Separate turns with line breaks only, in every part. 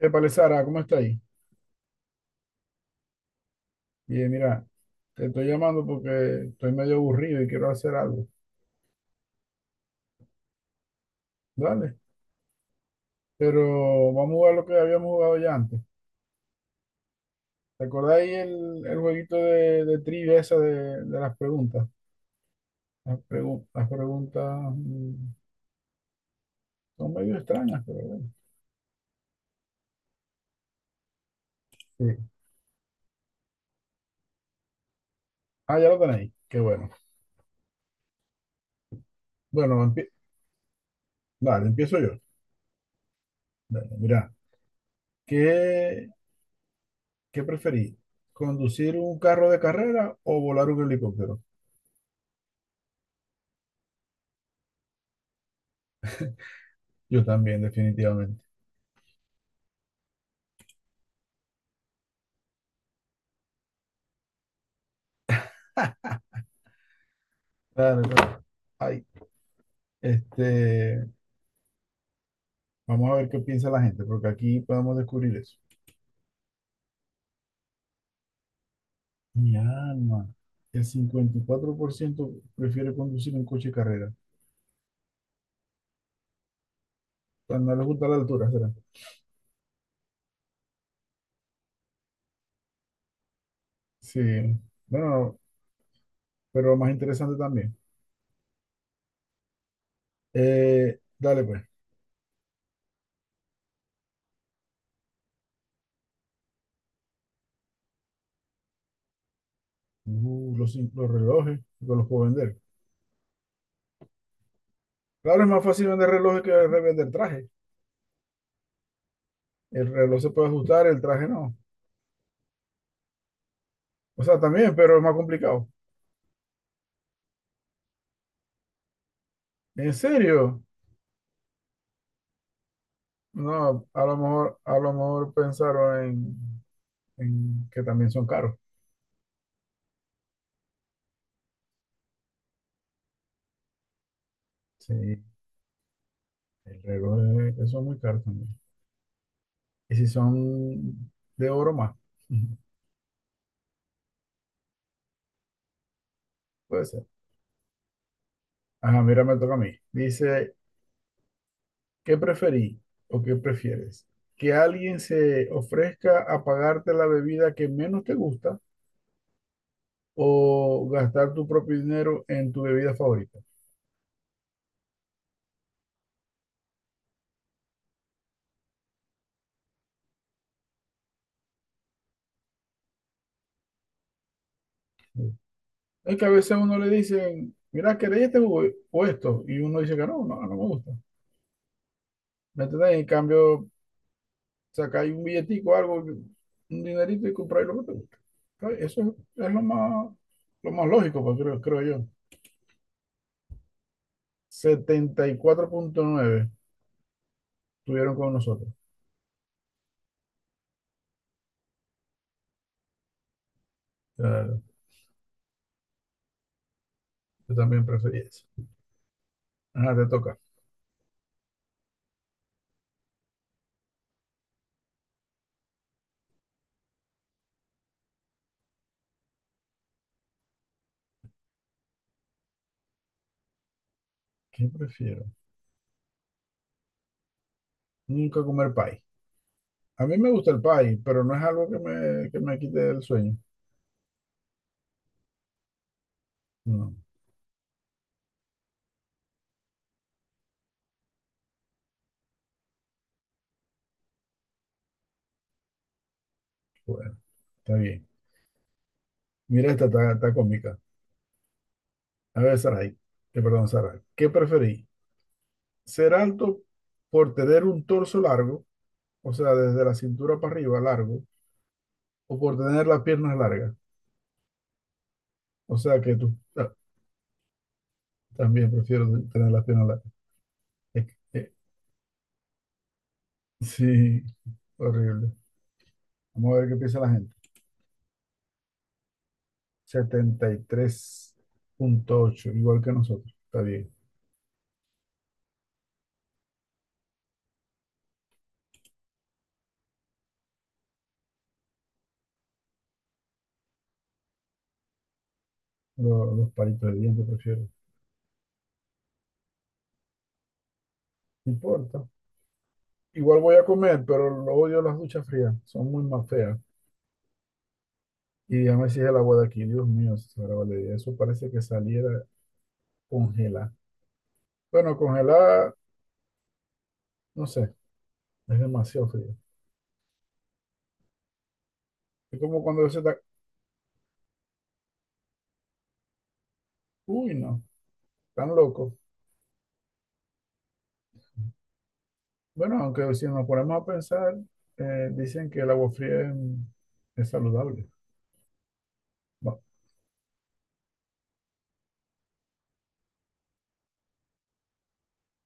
Épale, Sara, ¿cómo está ahí? Bien, mira, te estoy llamando porque estoy medio aburrido y quiero hacer algo. Dale, pero vamos a jugar lo que habíamos jugado ya antes. ¿Te acordáis el jueguito de trivia esa de las preguntas? Las preguntas mm, son medio extrañas, pero bueno. Sí. Ah, ya lo tenéis. Qué bueno. Bueno, dale, empiezo yo. Dale, mira, ¿qué, qué preferís? ¿Conducir un carro de carrera o volar un helicóptero? Yo también, definitivamente. Claro, claro. Ay, este, vamos a ver qué piensa la gente, porque aquí podemos descubrir eso. Mi alma, el 54% prefiere conducir un coche de carrera. O sea, no les gusta la altura, ¿será? Sí, bueno, pero más interesante también. Dale, pues. Los relojes, yo los puedo vender. Claro, es más fácil vender relojes que revender traje. El reloj se puede ajustar, el traje no. O sea, también, pero es más complicado. ¿En serio? No, a lo mejor pensaron en que también son caros. Sí, el reloj eso es muy caro también. Y si son de oro más, ujú, puede ser. Ajá, mira, me toca a mí. Dice, ¿qué preferí o qué prefieres? ¿Que alguien se ofrezca a pagarte la bebida que menos te gusta o gastar tu propio dinero en tu bebida favorita? Sí. Es que a veces a uno le dicen, mira, ¿querés este jugo o esto? Y uno dice que no, no, no me gusta. ¿Me entendés? En cambio, sacáis un billetico, algo, un dinerito y compráis lo que te gusta. Está Eso es lo más lógico, pues, creo, creo yo. 74,9 estuvieron con nosotros. Claro, yo también preferí eso. Ajá, te toca. ¿Qué prefiero? Nunca comer pay. A mí me gusta el pay, pero no es algo que me quite el sueño. No, bueno, está bien. Mira, esta está cómica. A ver, Saray, que perdón, Saray. ¿Qué preferí? ¿Ser alto por tener un torso largo, o sea, desde la cintura para arriba, largo, o por tener las piernas largas? O sea que tú también prefiero tener las piernas largas. Es que- eh, sí, horrible. Vamos a ver qué piensa la gente. 73,8 igual que nosotros. Está bien. Los palitos de dientes prefiero. No importa. Igual voy a comer, pero lo odio las duchas frías. Son muy más feas. Y déjame me sigue el agua de aquí. Dios mío, Sara Valeria. Eso parece que saliera congelada. Bueno, congelada, no sé. Es demasiado frío. Es como cuando se está, uy, no, tan loco. Bueno, aunque si nos ponemos a pensar, dicen que el agua fría es saludable. Bueno,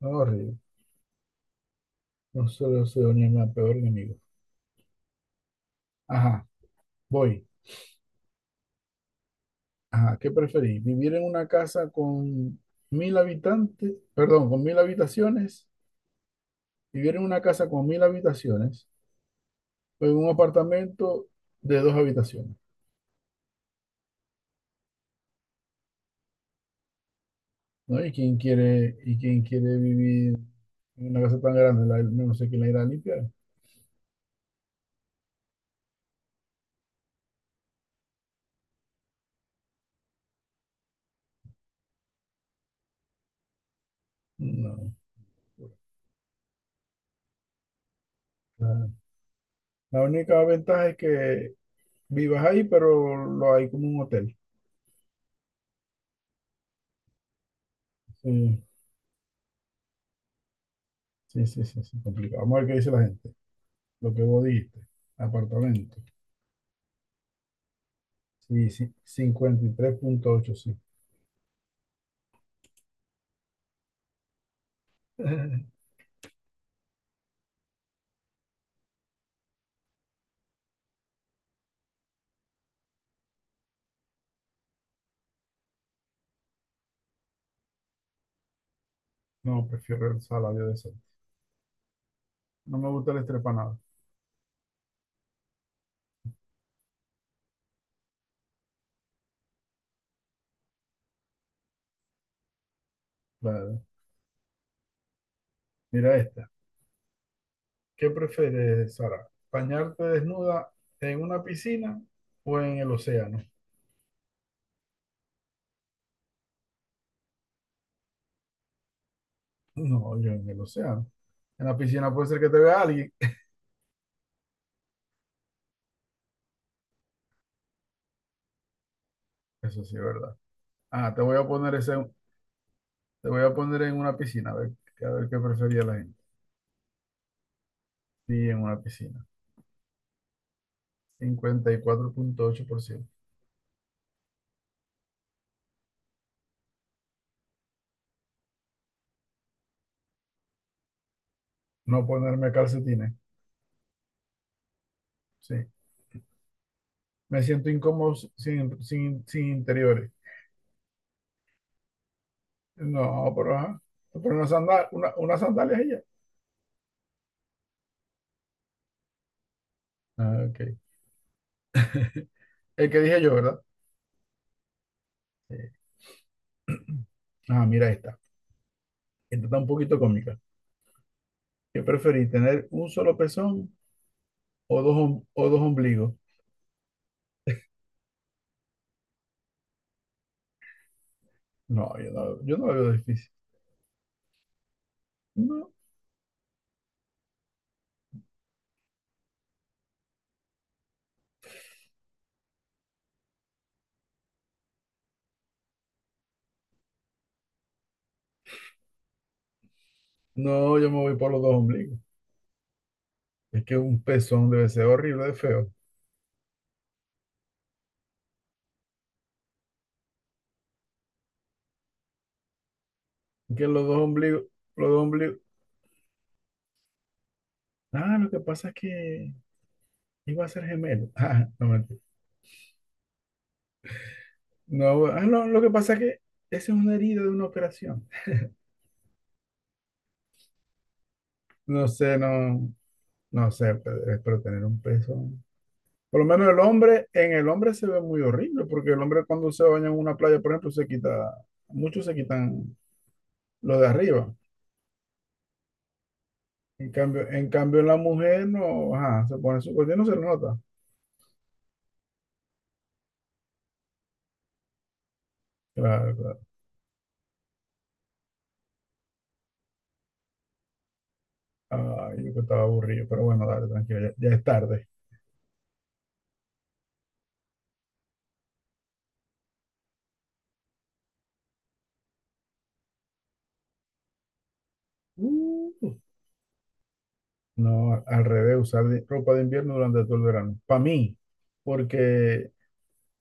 no es horrible. No solo se ni mi peor enemigo. Ajá, voy. Ajá, ¿qué preferís? ¿Vivir en una casa con 1.000 habitantes, perdón, con 1.000 habitaciones? ¿Vivir en una casa con 1.000 habitaciones o en un apartamento de dos habitaciones? ¿No? ¿Y quién quiere vivir en una casa tan grande? No sé quién la irá a limpiar. No, claro. La única ventaja es que vivas ahí, pero lo hay como un hotel. Sí, sí, sí, sí, sí, complicado. Vamos a ver qué dice la gente. Lo que vos dijiste. Apartamento. Sí, sí, 53,8 sí. No, prefiero el salario decente. No me gusta el estrepanado. Claro. Mira esta. ¿Qué prefieres, Sara? ¿Bañarte desnuda en una piscina o en el océano? No, yo en el océano. En la piscina puede ser que te vea alguien. Eso sí es, ¿verdad? Ah, te voy a poner en una piscina. A ver, qué prefería la gente. Sí, en una piscina. 54,8%. No ponerme calcetines. Sí. Me siento incómodo sin interiores. No, pero ajá. Pero unas sandalias y ya. Ah, ok. El que dije yo, ¿verdad? Sí. Ah, mira esta. Esta está un poquito cómica. ¿Qué preferís, tener un solo pezón o o dos ombligos? No, yo no lo veo difícil. No, no, yo me voy por los dos ombligos. Es que un pezón debe ser horrible de feo. Es que los dos ombligos, los dos ombligos. Ah, lo que pasa es que iba a ser gemelo. Ah, no mentira. No, no, lo que pasa es que esa es una herida de una operación. No sé, no, no sé, pero tener un pezón. Por lo menos el hombre, en el hombre se ve muy horrible, porque el hombre cuando se baña en una playa, por ejemplo, muchos se quitan lo de arriba. En cambio en la mujer no, ajá, se pone su cuerpo, no se nota. Claro, claro. Ay, yo que estaba aburrido, pero bueno, dale, tranquilo, ya, ya es tarde. Uh, No, al revés, usar ropa de invierno durante todo el verano. Para mí, porque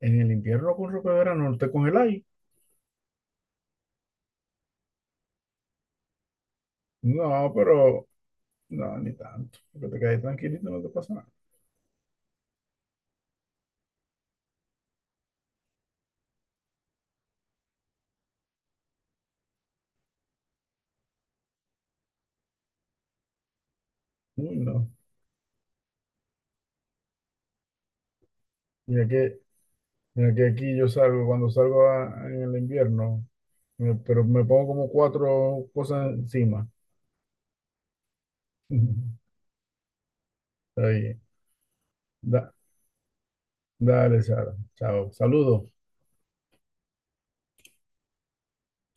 en el invierno con ropa de verano no te congeláis. No, pero no, ni tanto. Porque te quedas tranquilito, no te pasa nada. Uy, no. Mira que, mira que aquí yo salgo, cuando salgo en el invierno, pero me pongo como cuatro cosas encima. Está bien. Da- Dale, Sara. Chao. Saludos.